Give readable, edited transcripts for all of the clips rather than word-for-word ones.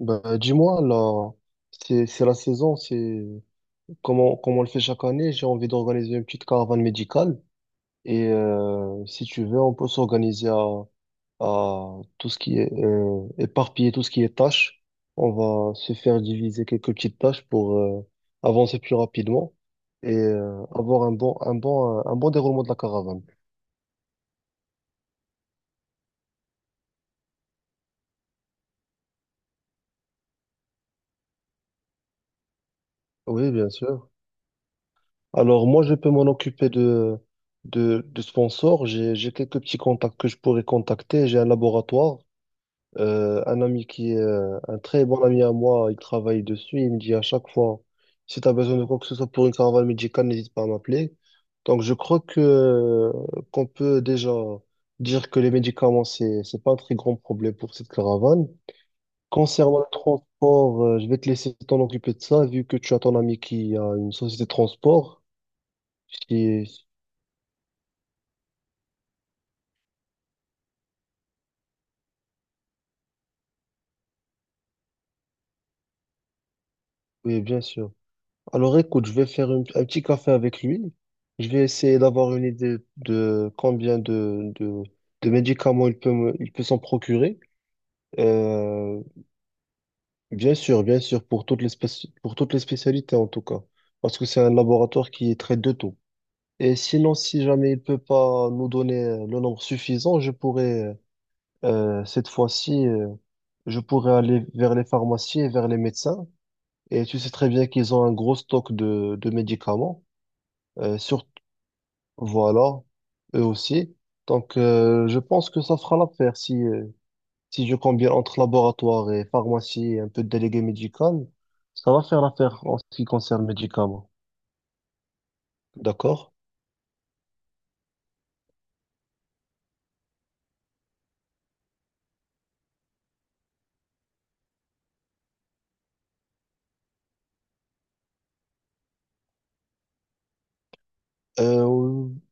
Bah, dis-moi, là, c'est la saison, comment on le fait chaque année. J'ai envie d'organiser une petite caravane médicale. Et si tu veux, on peut s'organiser à tout ce qui est éparpiller tout ce qui est tâches. On va se faire diviser quelques petites tâches pour avancer plus rapidement et avoir un bon déroulement de la caravane. Oui, bien sûr. Alors moi, je peux m'en occuper de, de sponsors. J'ai quelques petits contacts que je pourrais contacter. J'ai un laboratoire, un ami qui est un très bon ami à moi, il travaille dessus. Il me dit à chaque fois, si tu as besoin de quoi que ce soit pour une caravane médicale, n'hésite pas à m'appeler. Donc je crois que qu'on peut déjà dire que les médicaments, c'est pas un très grand problème pour cette caravane. Concernant le transport, je vais te laisser t'en occuper de ça, vu que tu as ton ami qui a une société de transport. Si. Oui, bien sûr. Alors écoute, je vais faire un petit café avec lui. Je vais essayer d'avoir une idée de combien de, de médicaments il peut s'en procurer. Euh, Bien sûr, bien sûr, pour pour toutes les spécialités en tout cas. Parce que c'est un laboratoire qui traite de tout. Et sinon, si jamais il peut pas nous donner le nombre suffisant, cette fois-ci, je pourrais aller vers les pharmacies et vers les médecins. Et tu sais très bien qu'ils ont un gros stock de médicaments. Surtout, voilà, eux aussi. Donc, je pense que ça fera l'affaire si je combine entre laboratoire et pharmacie et un peu de délégué médical. Ça va faire l'affaire en ce qui concerne le médicament. D'accord? Euh,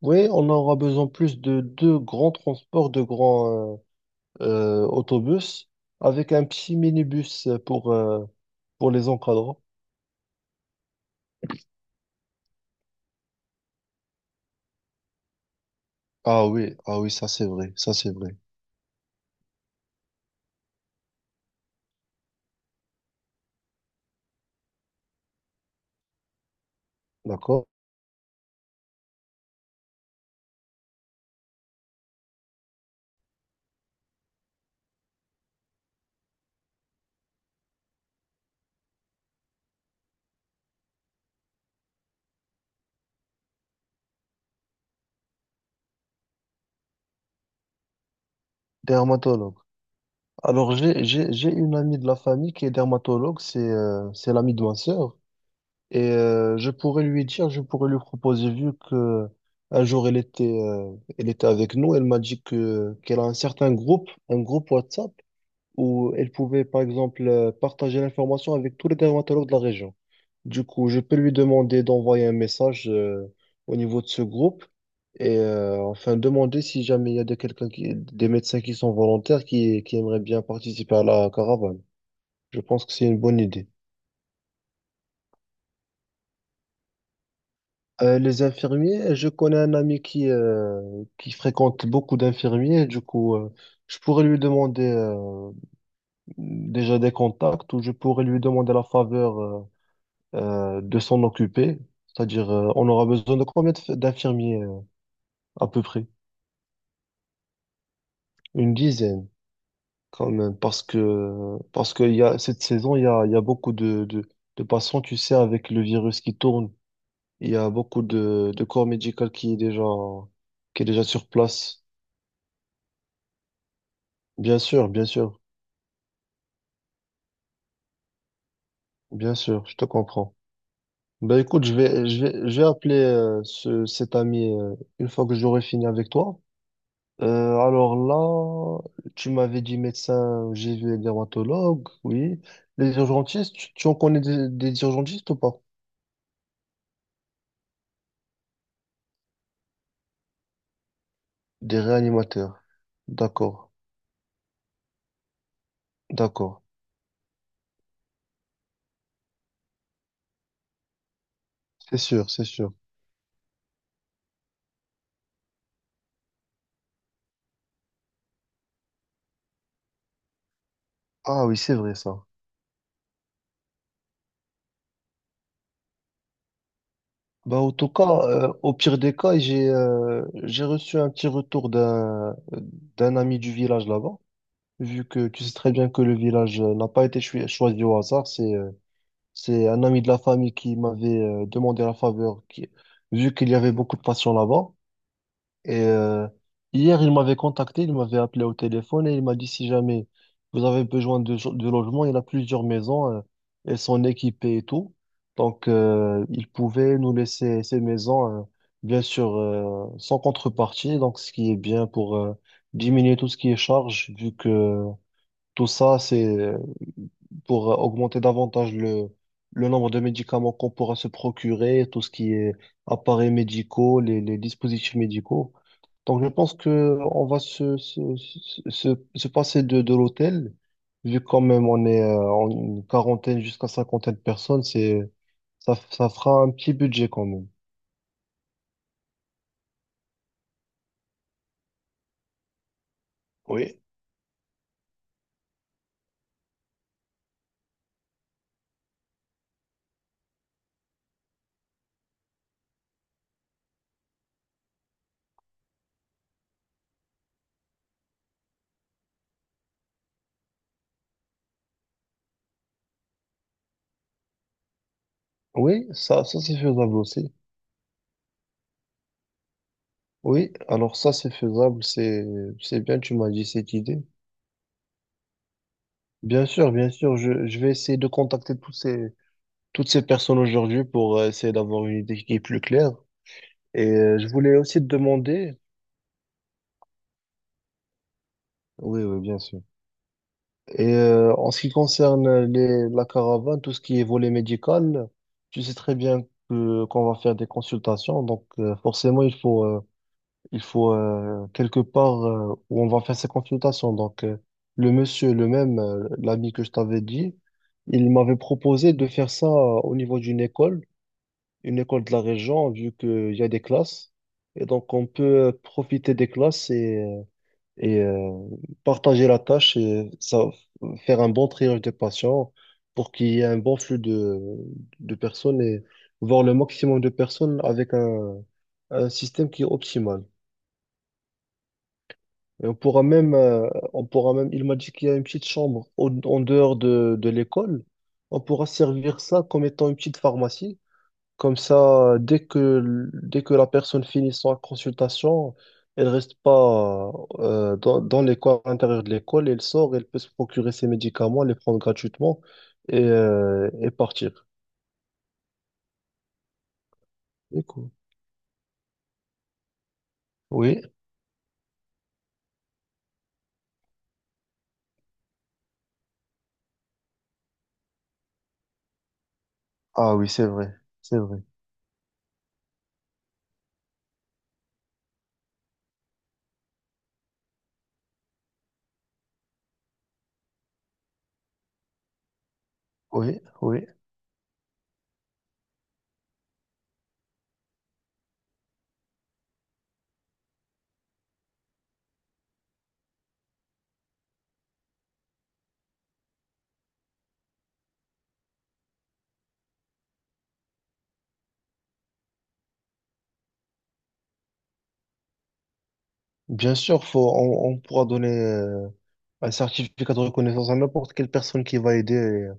oui, on aura besoin plus de deux grands transports, de grands autobus, avec un petit minibus pour les encadrants. Ah oui, ah oui, ça c'est vrai, ça c'est vrai. D'accord? Dermatologue. Alors, j'ai une amie de la famille qui est dermatologue, c'est l'amie de ma sœur. Et je pourrais lui dire, je pourrais lui proposer, vu que un jour elle était avec nous, elle m'a dit que qu'elle a un certain groupe, un groupe WhatsApp où elle pouvait, par exemple, partager l'information avec tous les dermatologues de la région. Du coup, je peux lui demander d'envoyer un message au niveau de ce groupe et enfin demander si jamais il y a de quelqu'un des médecins qui sont volontaires qui aimeraient bien participer à la caravane. Je pense que c'est une bonne idée. Les infirmiers, je connais un ami qui fréquente beaucoup d'infirmiers. Du coup, je pourrais lui demander déjà des contacts ou je pourrais lui demander la faveur de s'en occuper. C'est-à-dire, on aura besoin de combien d'infirmiers à peu près? Une dizaine quand même, parce qu'il y a cette saison, il y a beaucoup de patients, tu sais, avec le virus qui tourne. Il y a beaucoup de corps médical qui est déjà sur place. Bien sûr, bien sûr, bien sûr, je te comprends. Ben écoute, je vais appeler cet ami une fois que j'aurai fini avec toi. Euh, alors là, tu m'avais dit médecin, j'ai vu les dermatologues, oui. Les urgentistes, tu en connais des urgentistes ou pas? Des réanimateurs. D'accord, d'accord. C'est sûr, c'est sûr. Ah oui, c'est vrai ça. Bah, en tout cas, au pire des cas, j'ai reçu un petit retour d'un ami du village là-bas, vu que tu sais très bien que le village n'a pas été choisi au hasard, c'est un ami de la famille qui m'avait demandé la faveur, vu qu'il y avait beaucoup de patients là-bas. Et hier, il m'avait contacté, il m'avait appelé au téléphone et il m'a dit si jamais vous avez besoin de logement, il a plusieurs maisons, elles sont équipées et tout. Donc, il pouvait nous laisser ces maisons, bien sûr, sans contrepartie. Donc, ce qui est bien pour diminuer tout ce qui est charge, vu que tout ça, c'est pour augmenter davantage le nombre de médicaments qu'on pourra se procurer, tout ce qui est appareils médicaux, les dispositifs médicaux. Donc, je pense que on va se passer de l'hôtel, vu quand même on est en une quarantaine jusqu'à cinquantaine de personnes, ça fera un petit budget quand même. Oui. Oui, ça c'est faisable aussi. Oui, alors ça c'est faisable, c'est bien, tu m'as dit cette idée. Bien sûr, je vais essayer de contacter toutes ces personnes aujourd'hui pour essayer d'avoir une idée qui est plus claire. Et je voulais aussi te demander, oui, oui, bien sûr. Et en ce qui concerne la caravane, tout ce qui est volet médical, tu sais très bien que qu'on va faire des consultations, donc forcément il faut quelque part où on va faire ces consultations. Donc le monsieur, le même, l'ami que je t'avais dit, il m'avait proposé de faire ça au niveau d'une école. Une école de la région, vu qu'il y a des classes. Et donc, on peut profiter des classes et partager la tâche et ça, faire un bon triage des patients pour qu'il y ait un bon flux de personnes et voir le maximum de personnes avec un système qui est optimal. Et on pourra même, il m'a dit qu'il y a une petite chambre en dehors de l'école. On pourra servir ça comme étant une petite pharmacie. Comme ça, dès que la personne finit sa consultation, elle reste pas dans l'école, à l'intérieur de l'école, elle sort, elle peut se procurer ses médicaments, les prendre gratuitement et partir. C'est cool. Oui, ah oui, c'est vrai, c'est vrai. Oui, oui. Bien sûr, on pourra donner un certificat de reconnaissance à n'importe quelle personne qui va aider.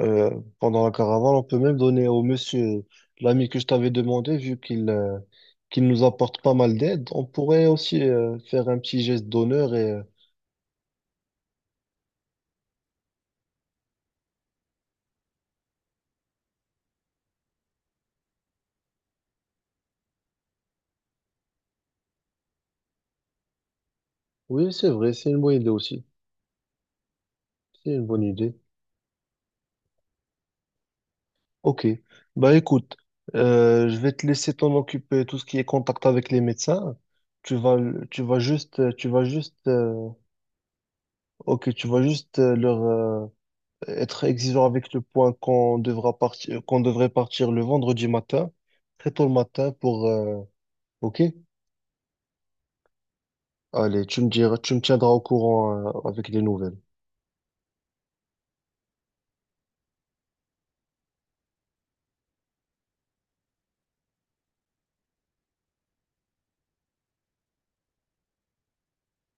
Euh, Pendant la caravane, on peut même donner au monsieur, l'ami que je t'avais demandé, vu qu'il nous apporte pas mal d'aide, on pourrait aussi faire un petit geste d'honneur. Oui, c'est vrai, c'est une bonne idée aussi. C'est une bonne idée. Ok. Bah écoute, je vais te laisser t'en occuper tout ce qui est contact avec les médecins. Tu vas tu vas juste ok, tu vas juste leur être exigeant avec le point qu'on devrait partir le vendredi matin, très tôt le matin ok? Allez, tu me tiendras au courant, avec les nouvelles.